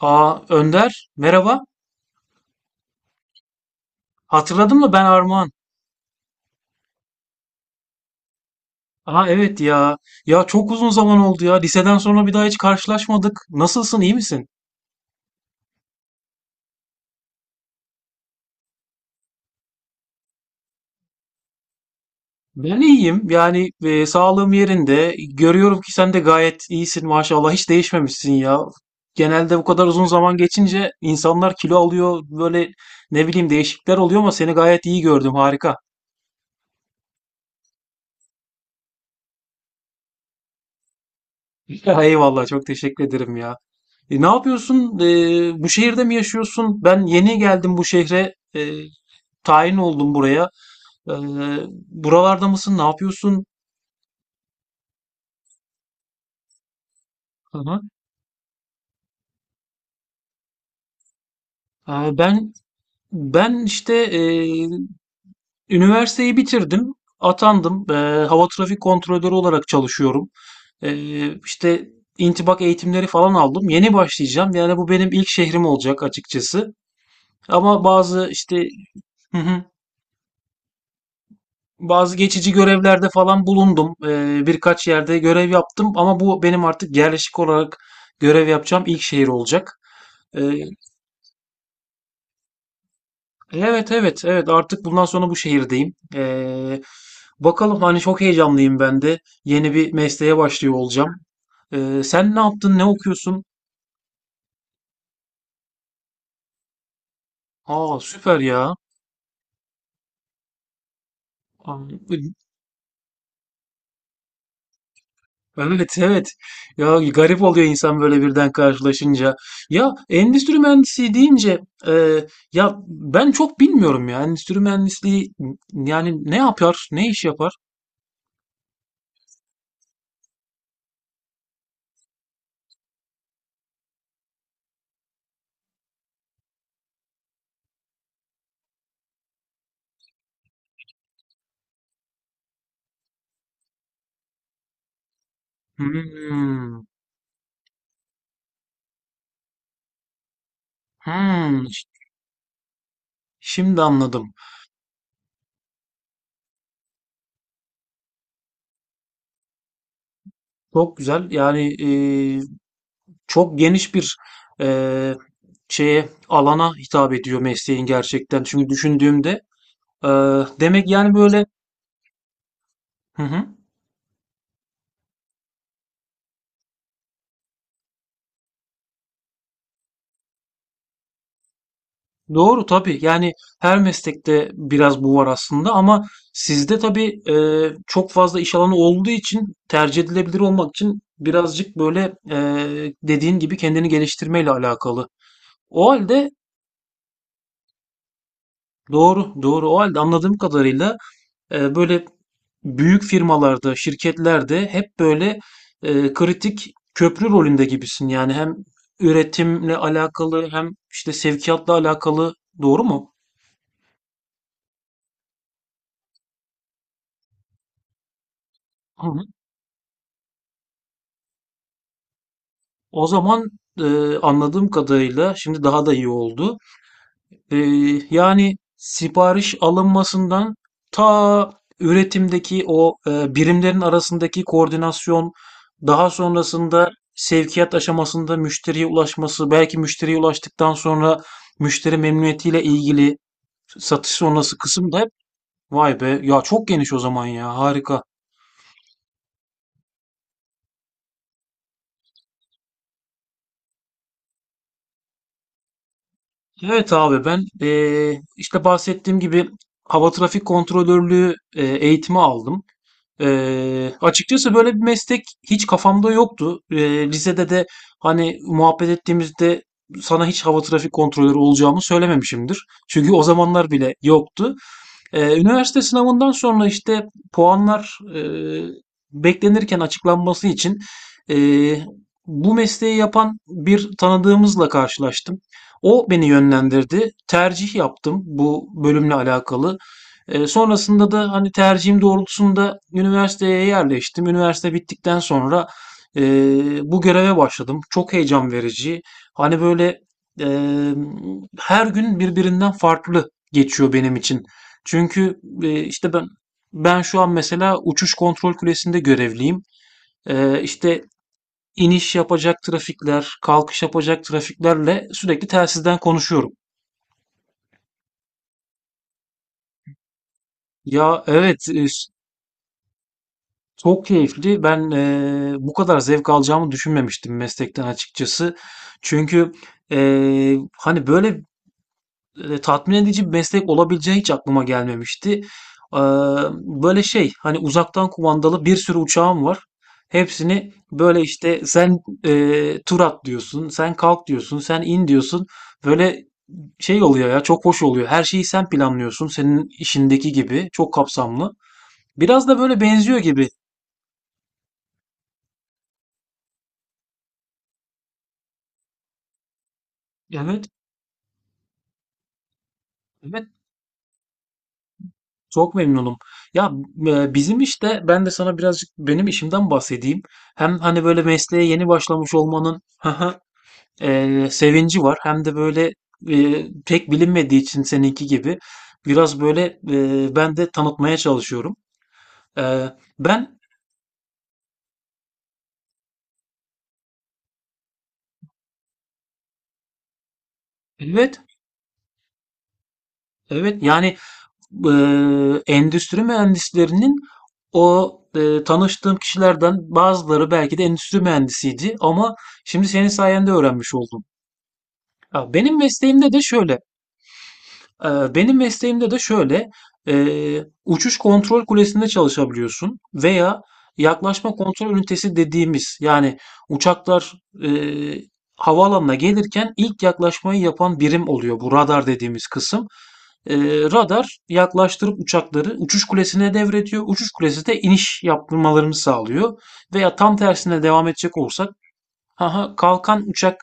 Aa Önder merhaba. Hatırladın mı ben Armağan? Aa evet ya. Ya çok uzun zaman oldu ya. Liseden sonra bir daha hiç karşılaşmadık. Nasılsın iyi misin? Ben iyiyim. Sağlığım yerinde. Görüyorum ki sen de gayet iyisin maşallah. Hiç değişmemişsin ya. Genelde bu kadar uzun zaman geçince insanlar kilo alıyor. Böyle ne bileyim değişiklikler oluyor ama seni gayet iyi gördüm. Harika. Eyvallah çok teşekkür ederim ya. Ne yapıyorsun? Bu şehirde mi yaşıyorsun? Ben yeni geldim bu şehre. Tayin oldum buraya. Ee, Buralarda mısın? Ne yapıyorsun? Hı hı. Ee, ben ben üniversiteyi bitirdim. Atandım. Hava trafik kontrolörü olarak çalışıyorum. İşte intibak eğitimleri falan aldım. Yeni başlayacağım. Yani bu benim ilk şehrim olacak açıkçası. Ama bazı işte hı hı, bazı geçici görevlerde falan bulundum. Birkaç yerde görev yaptım ama bu benim artık yerleşik olarak görev yapacağım ilk şehir olacak. Ee, Evet evet evet, artık bundan sonra bu şehirdeyim. Bakalım, hani çok heyecanlıyım ben de. Yeni bir mesleğe başlıyor olacağım. Sen ne yaptın? Ne okuyorsun? Aa süper ya. Aa, evet evet. Ya garip oluyor insan böyle birden karşılaşınca. Ya endüstri mühendisi deyince e, ya ben çok bilmiyorum ya endüstri mühendisliği, ne yapar? Ne iş yapar? Hmm, hmm, şimdi anladım. Çok güzel. Çok geniş bir, eee, şeye, alana hitap ediyor mesleğin gerçekten. Çünkü düşündüğümde, demek yani böyle hı hı. Doğru tabii. Yani her meslekte biraz bu var aslında ama sizde tabii, çok fazla iş alanı olduğu için tercih edilebilir olmak için birazcık böyle, dediğin gibi kendini geliştirmeyle alakalı. O halde doğru, doğru. O halde anladığım kadarıyla böyle büyük firmalarda, şirketlerde hep böyle kritik köprü rolünde gibisin. Yani hem üretimle alakalı hem işte sevkiyatla alakalı, doğru mu? Hı hı. O zaman anladığım kadarıyla şimdi daha da iyi oldu. Ee, Yani sipariş alınmasından ta üretimdeki o birimlerin arasındaki koordinasyon, daha sonrasında sevkiyat aşamasında müşteriye ulaşması, belki müşteriye ulaştıktan sonra müşteri memnuniyetiyle ilgili satış sonrası kısım da hep, vay be ya çok geniş o zaman ya, harika. Evet abi ben işte bahsettiğim gibi hava trafik kontrolörlüğü eğitimi aldım. Açıkçası böyle bir meslek hiç kafamda yoktu. Lisede de hani muhabbet ettiğimizde sana hiç hava trafik kontrolörü olacağımı söylememişimdir. Çünkü o zamanlar bile yoktu. Üniversite sınavından sonra işte puanlar beklenirken açıklanması için e, bu mesleği yapan bir tanıdığımızla karşılaştım. O beni yönlendirdi. Tercih yaptım bu bölümle alakalı. Sonrasında da hani tercihim doğrultusunda üniversiteye yerleştim. Üniversite bittikten sonra e, bu göreve başladım. Çok heyecan verici. Hani böyle e, her gün birbirinden farklı geçiyor benim için. Çünkü, işte, ben şu an mesela uçuş kontrol kulesinde görevliyim. İşte, iniş yapacak trafikler, kalkış yapacak trafiklerle sürekli telsizden konuşuyorum. Ya, evet, s çok keyifli. Ben, bu kadar zevk alacağımı düşünmemiştim meslekten açıkçası. Çünkü, hani, böyle tatmin edici bir meslek olabileceği hiç aklıma gelmemişti. Eee, Böyle şey, hani uzaktan kumandalı bir sürü uçağım var. Hepsini böyle işte, sen tur at diyorsun, sen kalk diyorsun, sen in diyorsun. Böyle şey oluyor ya, çok hoş oluyor. Her şeyi sen planlıyorsun, senin işindeki gibi çok kapsamlı. Biraz da böyle benziyor gibi. Evet, evet çok memnunum. Ya Bizim işte, ben de sana birazcık benim işimden bahsedeyim. Hem hani böyle mesleğe yeni başlamış olmanın sevinci var. Hem de böyle pek bilinmediği için seninki gibi biraz böyle ben de tanıtmaya çalışıyorum. E, ben evet evet, yani e, endüstri mühendislerinin o tanıştığım kişilerden bazıları belki de endüstri mühendisiydi ama şimdi senin sayende öğrenmiş oldum. Ya benim mesleğimde de şöyle. Benim mesleğimde de şöyle, uçuş kontrol kulesinde çalışabiliyorsun veya yaklaşma kontrol ünitesi dediğimiz yani uçaklar eee, havaalanına gelirken ilk yaklaşmayı yapan birim oluyor bu radar dediğimiz kısım. Radar yaklaştırıp uçakları uçuş kulesine devrediyor. Uçuş kulesi de iniş yaptırmalarını sağlıyor. Veya tam tersine devam edecek olsak, haha, kalkan uçak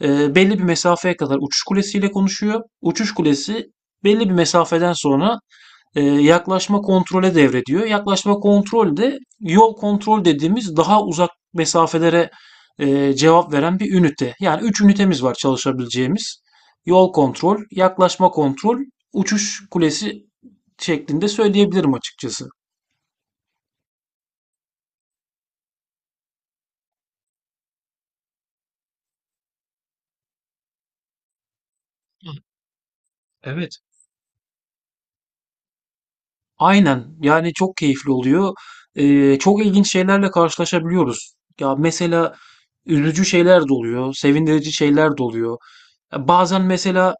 e, belli bir mesafeye kadar uçuş kulesiyle konuşuyor. Uçuş kulesi belli bir mesafeden sonra yaklaşma kontrole devrediyor. Yaklaşma kontrol de yol kontrol dediğimiz daha uzak mesafelere cevap veren bir ünite. Yani 3 ünitemiz var çalışabileceğimiz. Yol kontrol, yaklaşma kontrol, uçuş kulesi şeklinde söyleyebilirim açıkçası. Evet, aynen. Yani çok keyifli oluyor. Çok ilginç şeylerle karşılaşabiliyoruz. Ya mesela üzücü şeyler de oluyor, sevindirici şeyler de oluyor. Ya bazen mesela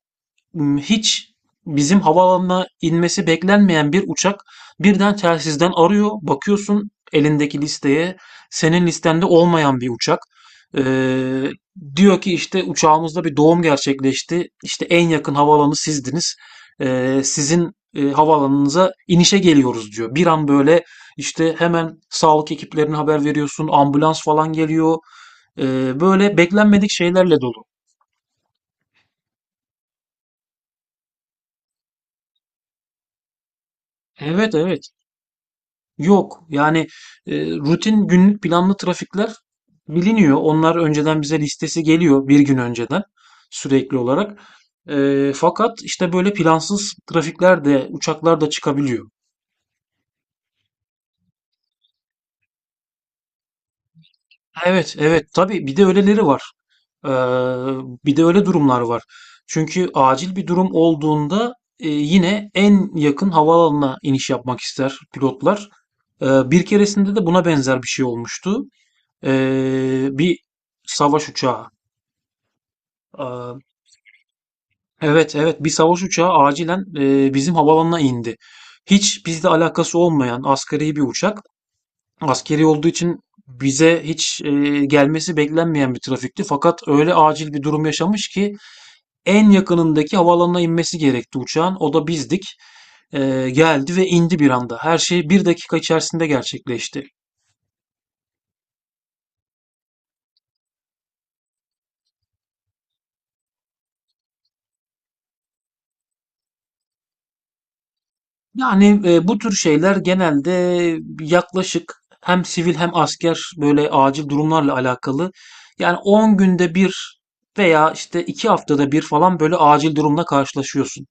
Hiç bizim havaalanına inmesi beklenmeyen bir uçak birden telsizden arıyor. Bakıyorsun elindeki listeye, senin listende olmayan bir uçak. Ee, Diyor ki işte, uçağımızda bir doğum gerçekleşti. İşte en yakın havaalanı sizdiniz. Sizin havaalanınıza inişe geliyoruz diyor. Bir an böyle işte hemen sağlık ekiplerine haber veriyorsun. Ambulans falan geliyor. Böyle beklenmedik şeylerle dolu. Evet evet. Yok. Yani rutin günlük planlı trafikler biliniyor. Onlar önceden bize listesi geliyor, bir gün önceden sürekli olarak. Fakat işte böyle plansız trafikler de uçaklar da çıkabiliyor. Evet, evet. Tabii bir de öyleleri var. Ee, Bir de öyle durumlar var. Çünkü acil bir durum olduğunda yine en yakın havaalanına iniş yapmak ister pilotlar. Bir keresinde de buna benzer bir şey olmuştu. Bir savaş uçağı. Aa, evet evet, bir savaş uçağı acilen bizim havalanına indi. Hiç bizle alakası olmayan askeri bir uçak. Askeri olduğu için bize hiç gelmesi beklenmeyen bir trafikti. Fakat öyle acil bir durum yaşamış ki en yakınındaki havalanına inmesi gerekti uçağın. O da bizdik. Geldi ve indi bir anda. Her şey bir dakika içerisinde gerçekleşti. Yani bu tür şeyler genelde yaklaşık hem sivil hem asker böyle acil durumlarla alakalı. Yani 10 günde bir veya işte 2 haftada bir falan böyle acil durumla karşılaşıyorsun.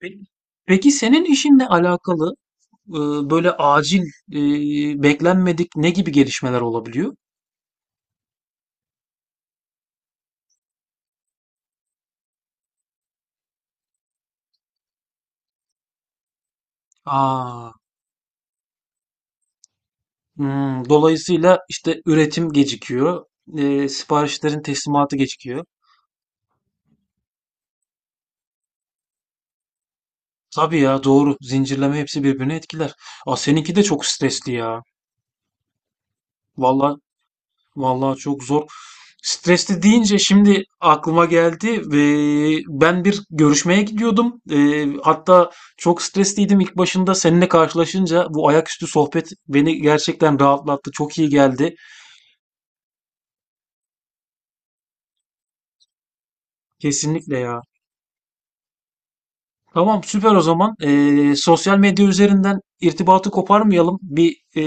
Peki, peki senin işinle alakalı e, böyle acil e, beklenmedik ne gibi gelişmeler olabiliyor? Aa, hmm, dolayısıyla işte üretim gecikiyor, siparişlerin teslimatı gecikiyor. Tabii ya doğru. Zincirleme hepsi birbirini etkiler. Aa, seninki de çok stresli ya. Vallahi, vallahi çok zor. Stresli deyince şimdi aklıma geldi ve ben bir görüşmeye gidiyordum. Hatta çok stresliydim, ilk başında seninle karşılaşınca bu ayaküstü sohbet beni gerçekten rahatlattı. Çok iyi geldi. Kesinlikle ya. Tamam süper o zaman. Sosyal medya üzerinden irtibatı koparmayalım. Bir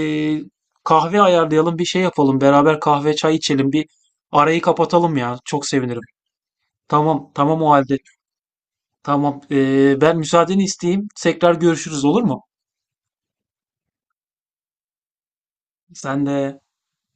kahve ayarlayalım, bir şey yapalım. Beraber kahve çay içelim, bir arayı kapatalım ya. Çok sevinirim. Tamam, tamam o halde. Tamam. Ben müsaadeni isteyeyim. Tekrar görüşürüz olur mu? Sen de.